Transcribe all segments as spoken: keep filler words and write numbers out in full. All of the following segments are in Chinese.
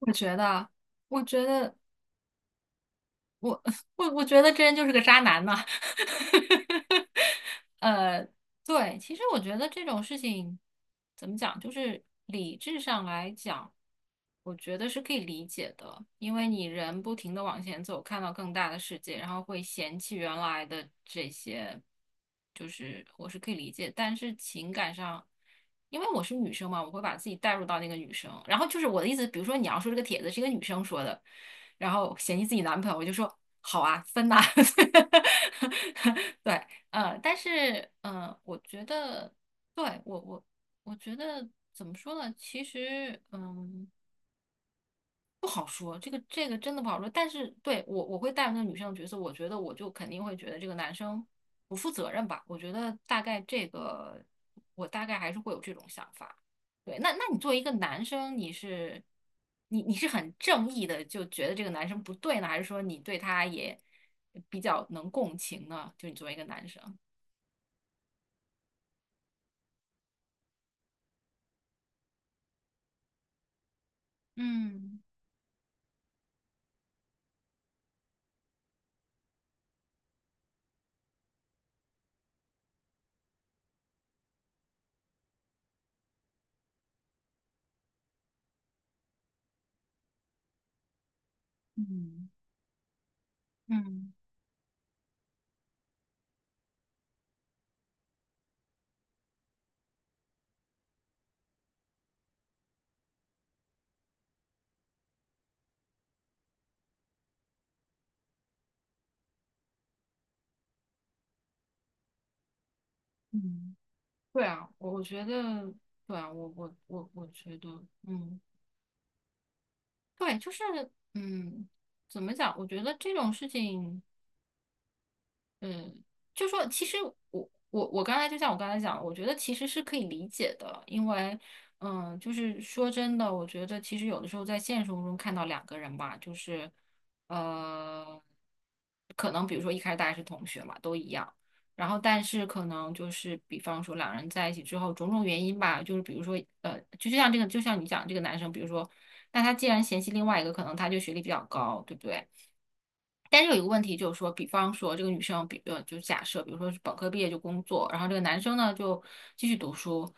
我觉得，我觉得，我 我我觉得这人就是个渣男呐。呃，对，其实我觉得这种事情怎么讲，就是理智上来讲，我觉得是可以理解的，因为你人不停的往前走，看到更大的世界，然后会嫌弃原来的这些，就是我是可以理解。但是情感上，因为我是女生嘛，我会把自己带入到那个女生。然后就是我的意思，比如说你要说这个帖子是一个女生说的，然后嫌弃自己男朋友，我就说好啊，分呐。对，呃，但是，嗯，我觉得，对，我我我觉得怎么说呢？其实，嗯，不好说，这个这个真的不好说。但是，对，我我会带入那个女生的角色，我觉得我就肯定会觉得这个男生不负责任吧。我觉得大概这个，我大概还是会有这种想法。对，那那你作为一个男生，你是你你是很正义的，就觉得这个男生不对呢，还是说你对他也比较能共情呢？就你作为一个男生，嗯。嗯嗯，嗯，对啊，我我觉得，对啊，我我我我觉得，嗯，对，就是，嗯，怎么讲？我觉得这种事情。嗯，就说其实我我我刚才就像我刚才讲，我觉得其实是可以理解的，因为嗯，就是说真的，我觉得其实有的时候在现实生活中看到两个人吧，就是呃，可能比如说一开始大家是同学嘛，都一样，然后但是可能就是比方说两人在一起之后，种种原因吧，就是比如说呃，就就像这个，就像你讲这个男生，比如说那他既然嫌弃另外一个，可能他就学历比较高，对不对？但是有一个问题就是说，比方说这个女生，比呃，就假设，比如说是本科毕业就工作，然后这个男生呢就继续读书，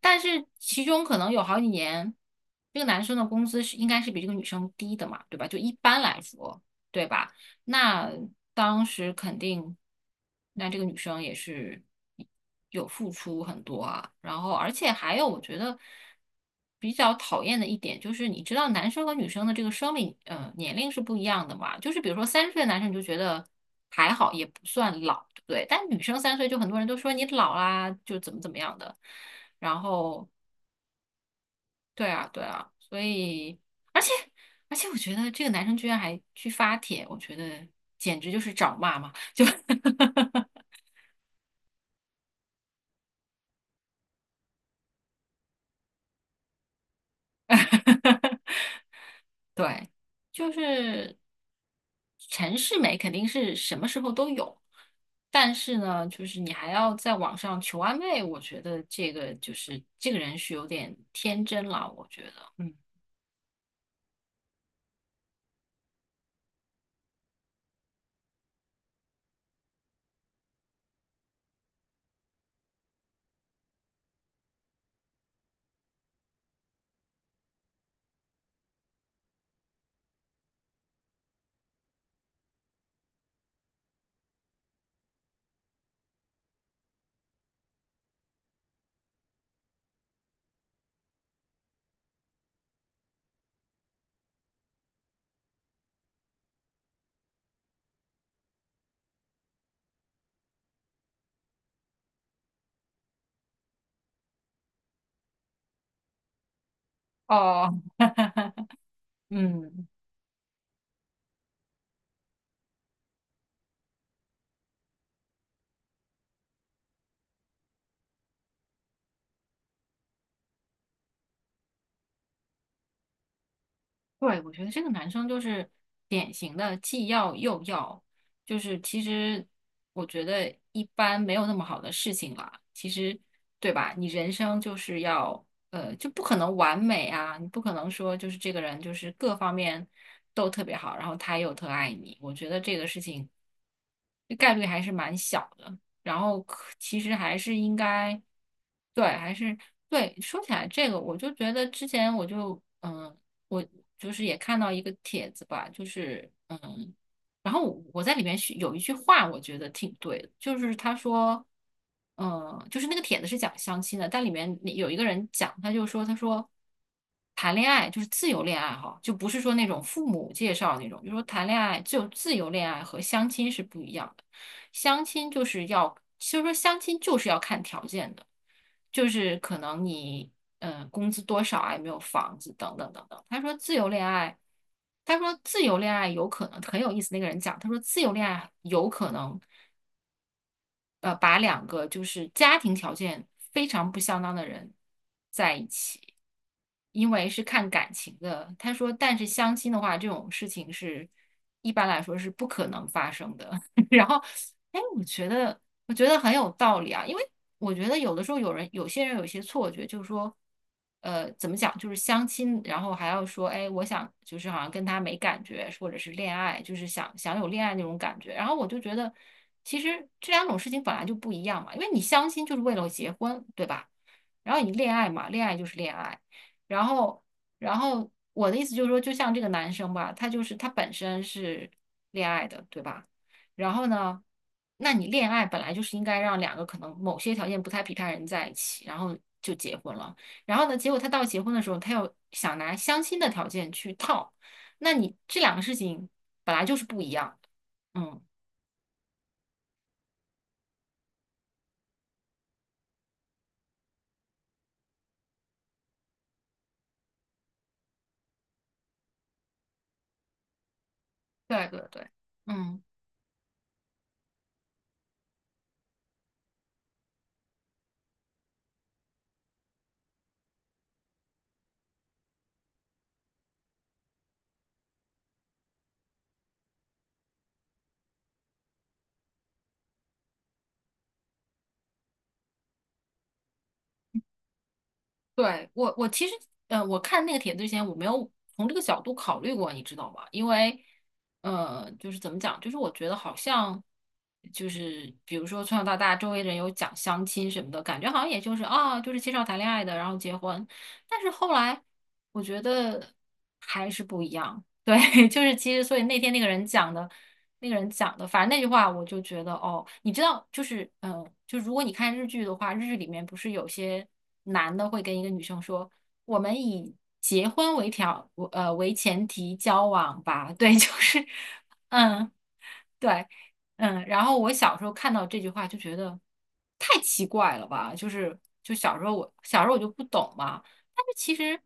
但是其中可能有好几年，这个男生的工资是应该是比这个女生低的嘛，对吧？就一般来说，对吧？那当时肯定，那这个女生也是有付出很多啊。然后，而且还有，我觉得比较讨厌的一点就是，你知道男生和女生的这个生理呃年龄是不一样的嘛？就是比如说三十岁的男生你就觉得还好，也不算老，对不对？但女生三岁就很多人都说你老啦，就怎么怎么样的。然后对啊，对啊，所以，而且，而且，我觉得这个男生居然还去发帖，我觉得简直就是找骂嘛！就，对，就是陈世美肯定是什么时候都有，但是呢，就是你还要在网上求安慰，我觉得这个就是这个人是有点天真了，我觉得，嗯，哦，嗯。对，我觉得这个男生就是典型的既要又要，就是其实我觉得一般没有那么好的事情啦。其实，对吧？你人生就是要，呃，就不可能完美啊，你不可能说就是这个人就是各方面都特别好，然后他又特爱你。我觉得这个事情这概率还是蛮小的。然后可其实还是应该，对，还是对。说起来这个，我就觉得之前我就嗯。我就是也看到一个帖子吧，就是嗯，然后我我在里面是有一句话，我觉得挺对的，就是他说，嗯，就是那个帖子是讲相亲的，但里面有一个人讲，他就说，他说谈恋爱就是自由恋爱哈，就不是说那种父母介绍那种，就说谈恋爱就自由恋爱和相亲是不一样的，相亲就是要，其实说相亲就是要看条件的。就是可能你呃工资多少啊，有没有房子等等等等。他说自由恋爱，他说自由恋爱有可能很有意思。那个人讲，他说自由恋爱有可能呃把两个就是家庭条件非常不相当的人在一起，因为是看感情的。他说，但是相亲的话，这种事情是一般来说是不可能发生的。然后，哎，我觉得。我觉得很有道理啊，因为我觉得有的时候有人有些人有一些错觉，就是说，呃，怎么讲，就是相亲，然后还要说，哎，我想就是好像跟他没感觉，或者是恋爱，就是想想有恋爱那种感觉。然后我就觉得，其实这两种事情本来就不一样嘛，因为你相亲就是为了结婚，对吧？然后你恋爱嘛，恋爱就是恋爱。然后，然后我的意思就是说，就像这个男生吧，他就是他本身是恋爱的，对吧？然后呢，那你恋爱本来就是应该让两个可能某些条件不太匹配的人在一起，然后就结婚了。然后呢，结果他到结婚的时候，他又想拿相亲的条件去套，那你这两个事情本来就是不一样的。嗯，对对对，嗯。对，我，我其实，呃，我看那个帖子之前，我没有从这个角度考虑过，你知道吗？因为，呃，就是怎么讲，就是我觉得好像，就是比如说从小到大，周围人有讲相亲什么的，感觉好像也就是啊，就是介绍谈恋爱的，然后结婚。但是后来，我觉得还是不一样。对，就是其实，所以那天那个人讲的，那个人讲的，反正那句话我就觉得，哦，你知道，就是，嗯、呃就如果你看日剧的话，日剧里面不是有些男的会跟一个女生说，我们以结婚为条，呃，为前提交往吧，对，就是，嗯。对，嗯，然后我小时候看到这句话就觉得太奇怪了吧，就是就小时候我小时候我就不懂嘛，但是其实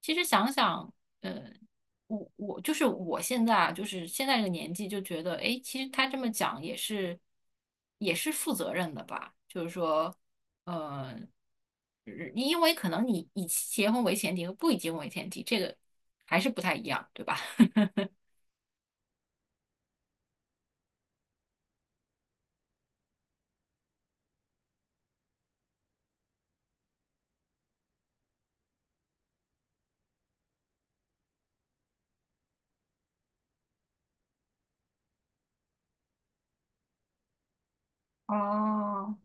其实想想，嗯，我我就是我现在啊，就是现在这个年纪就觉得，哎，其实他这么讲也是也是负责任的吧，就是说，嗯，因为可能你以结婚为前提和不以结婚为前提，这个还是不太一样，对吧？哦，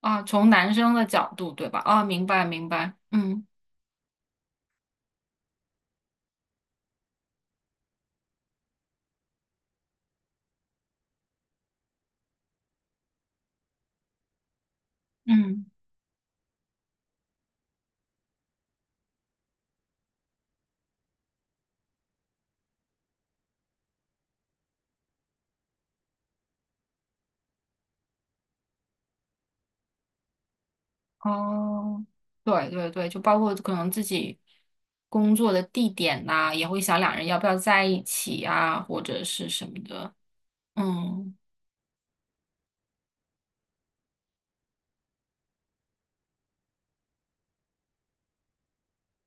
啊，从男生的角度，对吧？啊，明白明白，嗯嗯，哦，对对对，就包括可能自己工作的地点呐，也会想两人要不要在一起啊，或者是什么的，嗯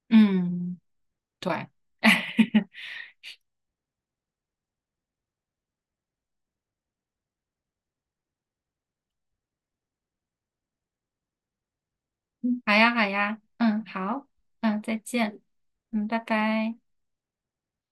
嗯，对，哎，好呀好呀，嗯好，嗯再见，嗯拜拜。